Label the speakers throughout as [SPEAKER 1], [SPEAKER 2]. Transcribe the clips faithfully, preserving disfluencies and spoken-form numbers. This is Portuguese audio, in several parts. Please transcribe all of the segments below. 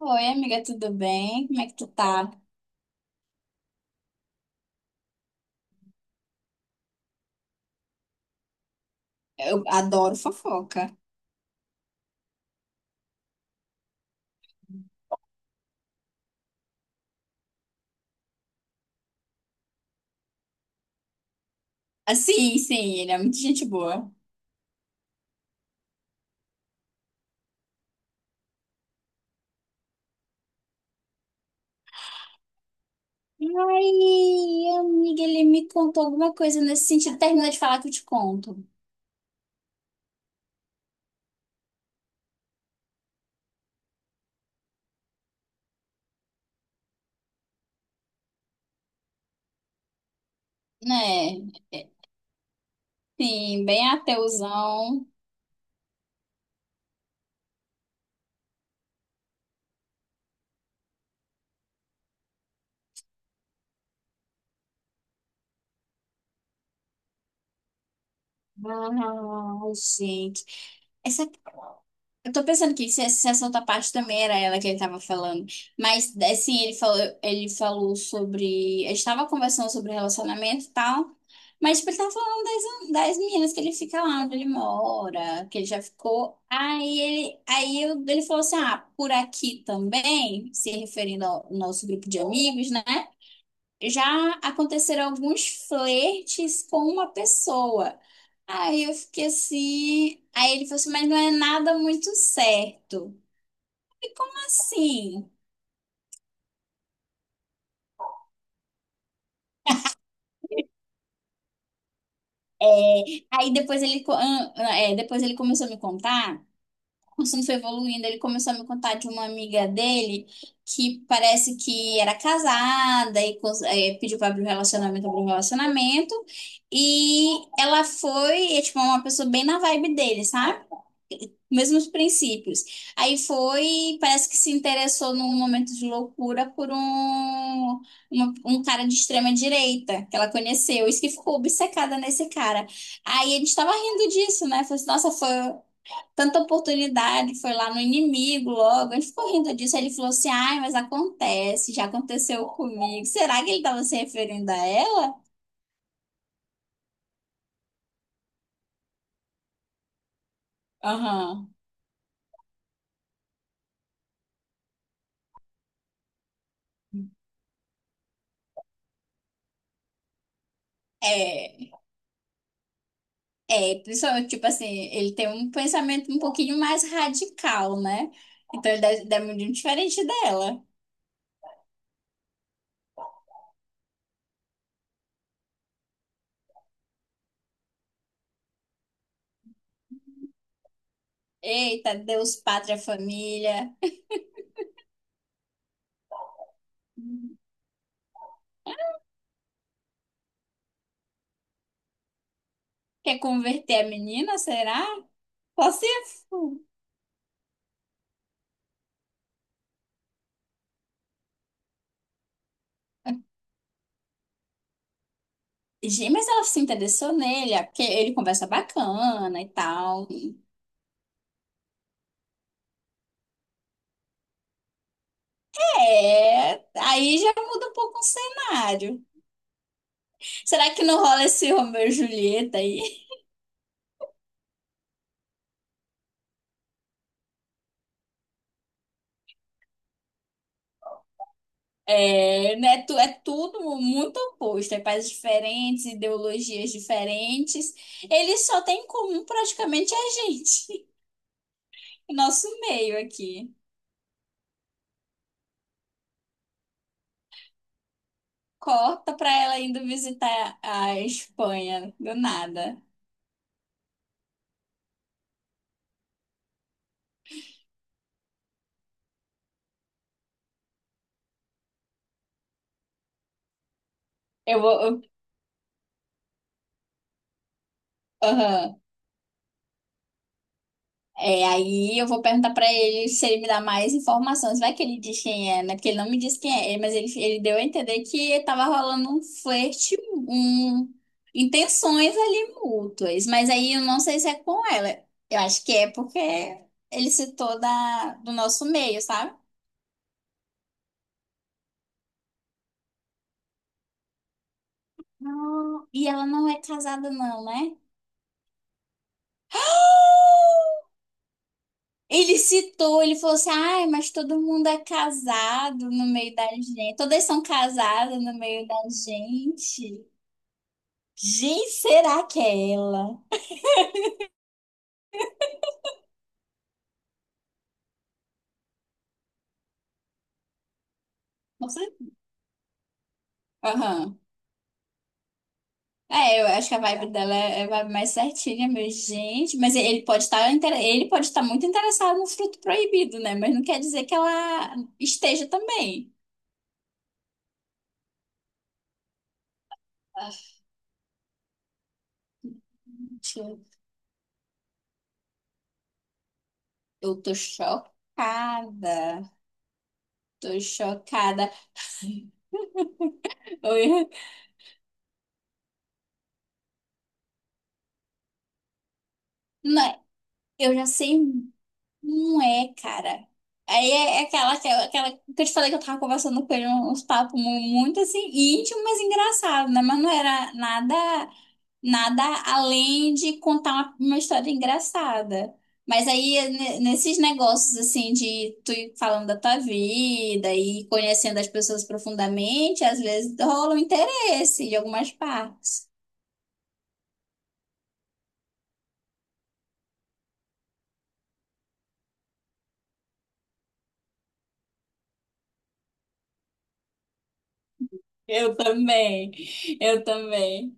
[SPEAKER 1] Oi, amiga, tudo bem? Como é que tu tá? Eu adoro fofoca. Ah, sim, sim, ele é muito gente boa. Ai, amiga, ele me contou alguma coisa nesse sentido. Termina de falar que eu te conto. Né? É, sim, bem ateuzão. Ai, gente. Essa... Eu tô pensando que se se essa outra parte também era ela que ele tava falando. Mas, assim, ele falou, ele falou sobre... A gente tava conversando sobre relacionamento e tal. Mas, tipo, ele tava falando das meninas que ele fica lá onde ele mora, que ele já ficou. Aí ele, aí eu- ele falou assim: ah, por aqui também, se referindo ao nosso grupo de amigos, né? Já aconteceram alguns flertes com uma pessoa. Aí eu fiquei assim. Aí ele falou assim: mas não é nada muito certo. E como assim? É, aí depois ele, co- ah, ah, é, depois ele começou a me contar. O assunto foi evoluindo, ele começou a me contar de uma amiga dele que parece que era casada e cons- eh, pediu para abrir um relacionamento, abriu um relacionamento. E ela foi, é, tipo, uma pessoa bem na vibe dele, sabe? Mesmos princípios. Aí foi, parece que se interessou num momento de loucura por um, uma- um cara de extrema direita que ela conheceu. Isso que ficou obcecada nesse cara. Aí a gente tava rindo disso, né? Falei assim, nossa, foi tanta oportunidade, foi lá no inimigo logo. Ele ficou rindo disso. Aí ele falou assim: ai, mas acontece, já aconteceu comigo. Será que ele estava se referindo a ela? Aham. É, é, principalmente, tipo assim, ele tem um pensamento um pouquinho mais radical, né? Então ele deve, deve muito diferente dela. Eita, Deus, pátria, família. Quer converter a menina, será? Só se... Gente, mas ela se interessou nele, é porque ele conversa bacana e tal. É, aí já muda um pouco o cenário. Será que não rola esse Romeu e Julieta aí? É, né, tu, é tudo muito oposto, é pais diferentes, ideologias diferentes. Eles só têm em comum praticamente a gente, nosso meio aqui. Corta pra ela indo visitar a Espanha, do nada. Eu vou. eu- aham. É, aí eu vou perguntar pra ele se ele me dá mais informações. Vai que ele diz quem é, né? Porque ele não me disse quem é, mas ele, ele deu a entender que tava rolando um flerte, um, intenções ali mútuas. Mas aí eu não sei se é com ela. Eu acho que é porque ele citou da, do nosso meio, sabe? Não, e ela não é casada, não, né? Ele citou, ele falou assim, ai, mas todo mundo é casado no meio da gente. Todas são casadas no meio da gente. Gente, será que é ela? Você? Aham. É, eu acho que a vibe dela é, é vibe mais certinha, meu gente. Mas ele pode estar, inter- ele pode estar muito interessado no fruto proibido, né? Mas não quer dizer que ela esteja também. Ah, gente, eu eu tô chocada. Tô chocada. Eu, não, eu já sei. Não é, cara. Aí é é aquela, aquela, aquela que eu te falei que eu tava conversando com ele uns papos mu- muito assim, íntimo, mas engraçado, né? Mas não era nada, nada além de contar uma, uma história engraçada. Mas aí, ne- nesses negócios assim de tu ir falando da tua vida e conhecendo as pessoas profundamente, às vezes rola um interesse de algumas partes. Eu também, eu também.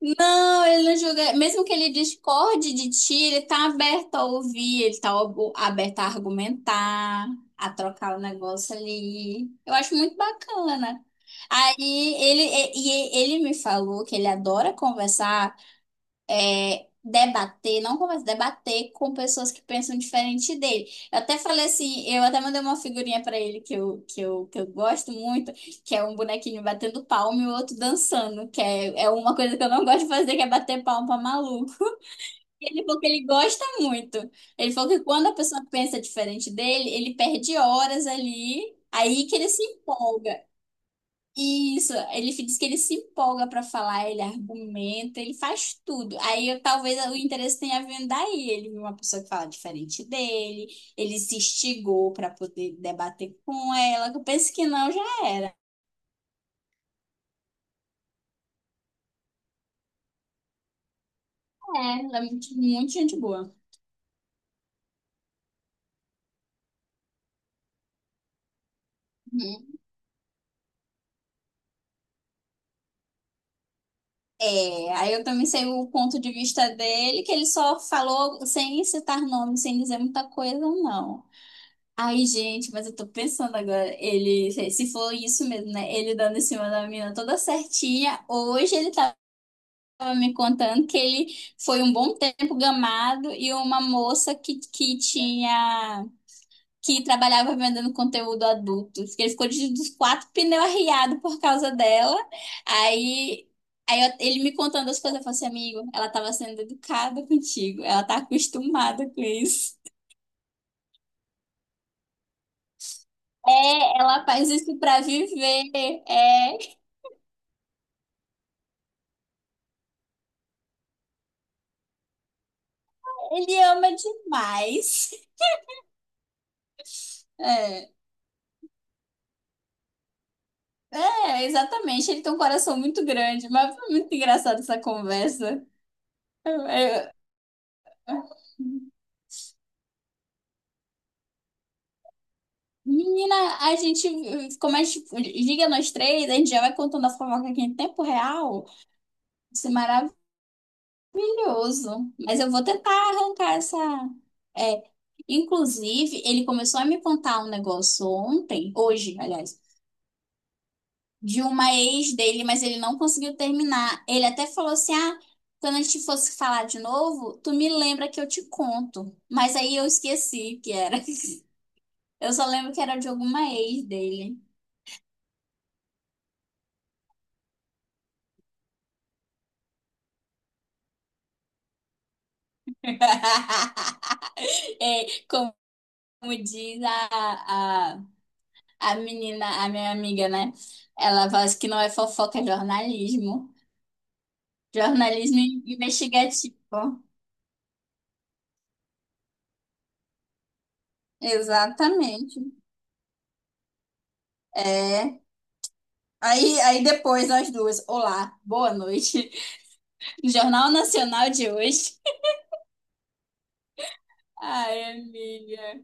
[SPEAKER 1] Não, ele não julga. Mesmo que ele discorde de ti, ele tá aberto a ouvir, ele tá ob- aberto a argumentar, a trocar o negócio ali. Eu acho muito bacana. Aí ele, e- e ele me falou que ele adora conversar é, debater, não conversa, debater com pessoas que pensam diferente dele. Eu até falei assim, eu até mandei uma figurinha pra ele que eu, que eu, que eu gosto muito, que é um bonequinho batendo palma e o outro dançando, que é, é uma coisa que eu não gosto de fazer, que é bater palma pra maluco. E ele falou que ele gosta muito. Ele falou que quando a pessoa pensa diferente dele, ele perde horas ali, aí que ele se empolga. Isso, ele diz que ele se empolga para falar, ele argumenta, ele faz tudo. Aí eu- talvez o interesse tenha vindo daí. Ele viu uma pessoa que fala diferente dele, ele se instigou para poder debater com ela. Que Eu penso que não, já era. É, ela é muito, muito gente boa. Uhum. É, aí eu também sei o ponto de vista dele, que ele só falou sem citar nome, sem dizer muita coisa, não. Ai, gente, mas eu tô pensando agora, ele, se for isso mesmo, né? Ele dando em cima da menina toda certinha. Hoje ele tava me contando que ele foi um bom tempo gamado e uma moça que, que tinha, que trabalhava vendendo conteúdo adulto. Que Ele ficou de, dos quatro pneus arriado por causa dela. Aí, aí eu- ele me contando as coisas, eu falei assim, amigo, ela tava sendo educada contigo, ela tá acostumada com isso. É, ela faz isso pra viver. É, ele ama demais. É, é, exatamente. Ele tem um coração muito grande, mas foi muito engraçada essa conversa. É, é. Menina, a gente, como a gente liga nós três, a gente já vai contando a fofoca aqui em tempo real. Isso é maravilhoso. Mas eu vou tentar arrancar essa. É, inclusive, ele começou a me contar um negócio ontem, hoje, aliás. De uma ex dele, mas ele não conseguiu terminar. Ele até falou assim: ah, quando a gente fosse falar de novo, tu me lembra que eu te conto. Mas aí eu esqueci que era. Eu só lembro que era de alguma ex dele. É, como diz a, a, a menina, a minha amiga, né? Ela fala assim que não é fofoca, é jornalismo. Jornalismo investigativo. Exatamente. É. Aí, aí depois nós duas. Olá, boa noite. Jornal Nacional de hoje. Ai, amiga.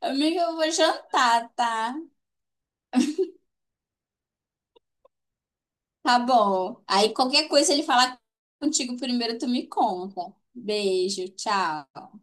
[SPEAKER 1] Amiga, eu vou jantar, tá? Tá bom. Aí qualquer coisa ele falar contigo primeiro, tu me conta. Beijo, tchau.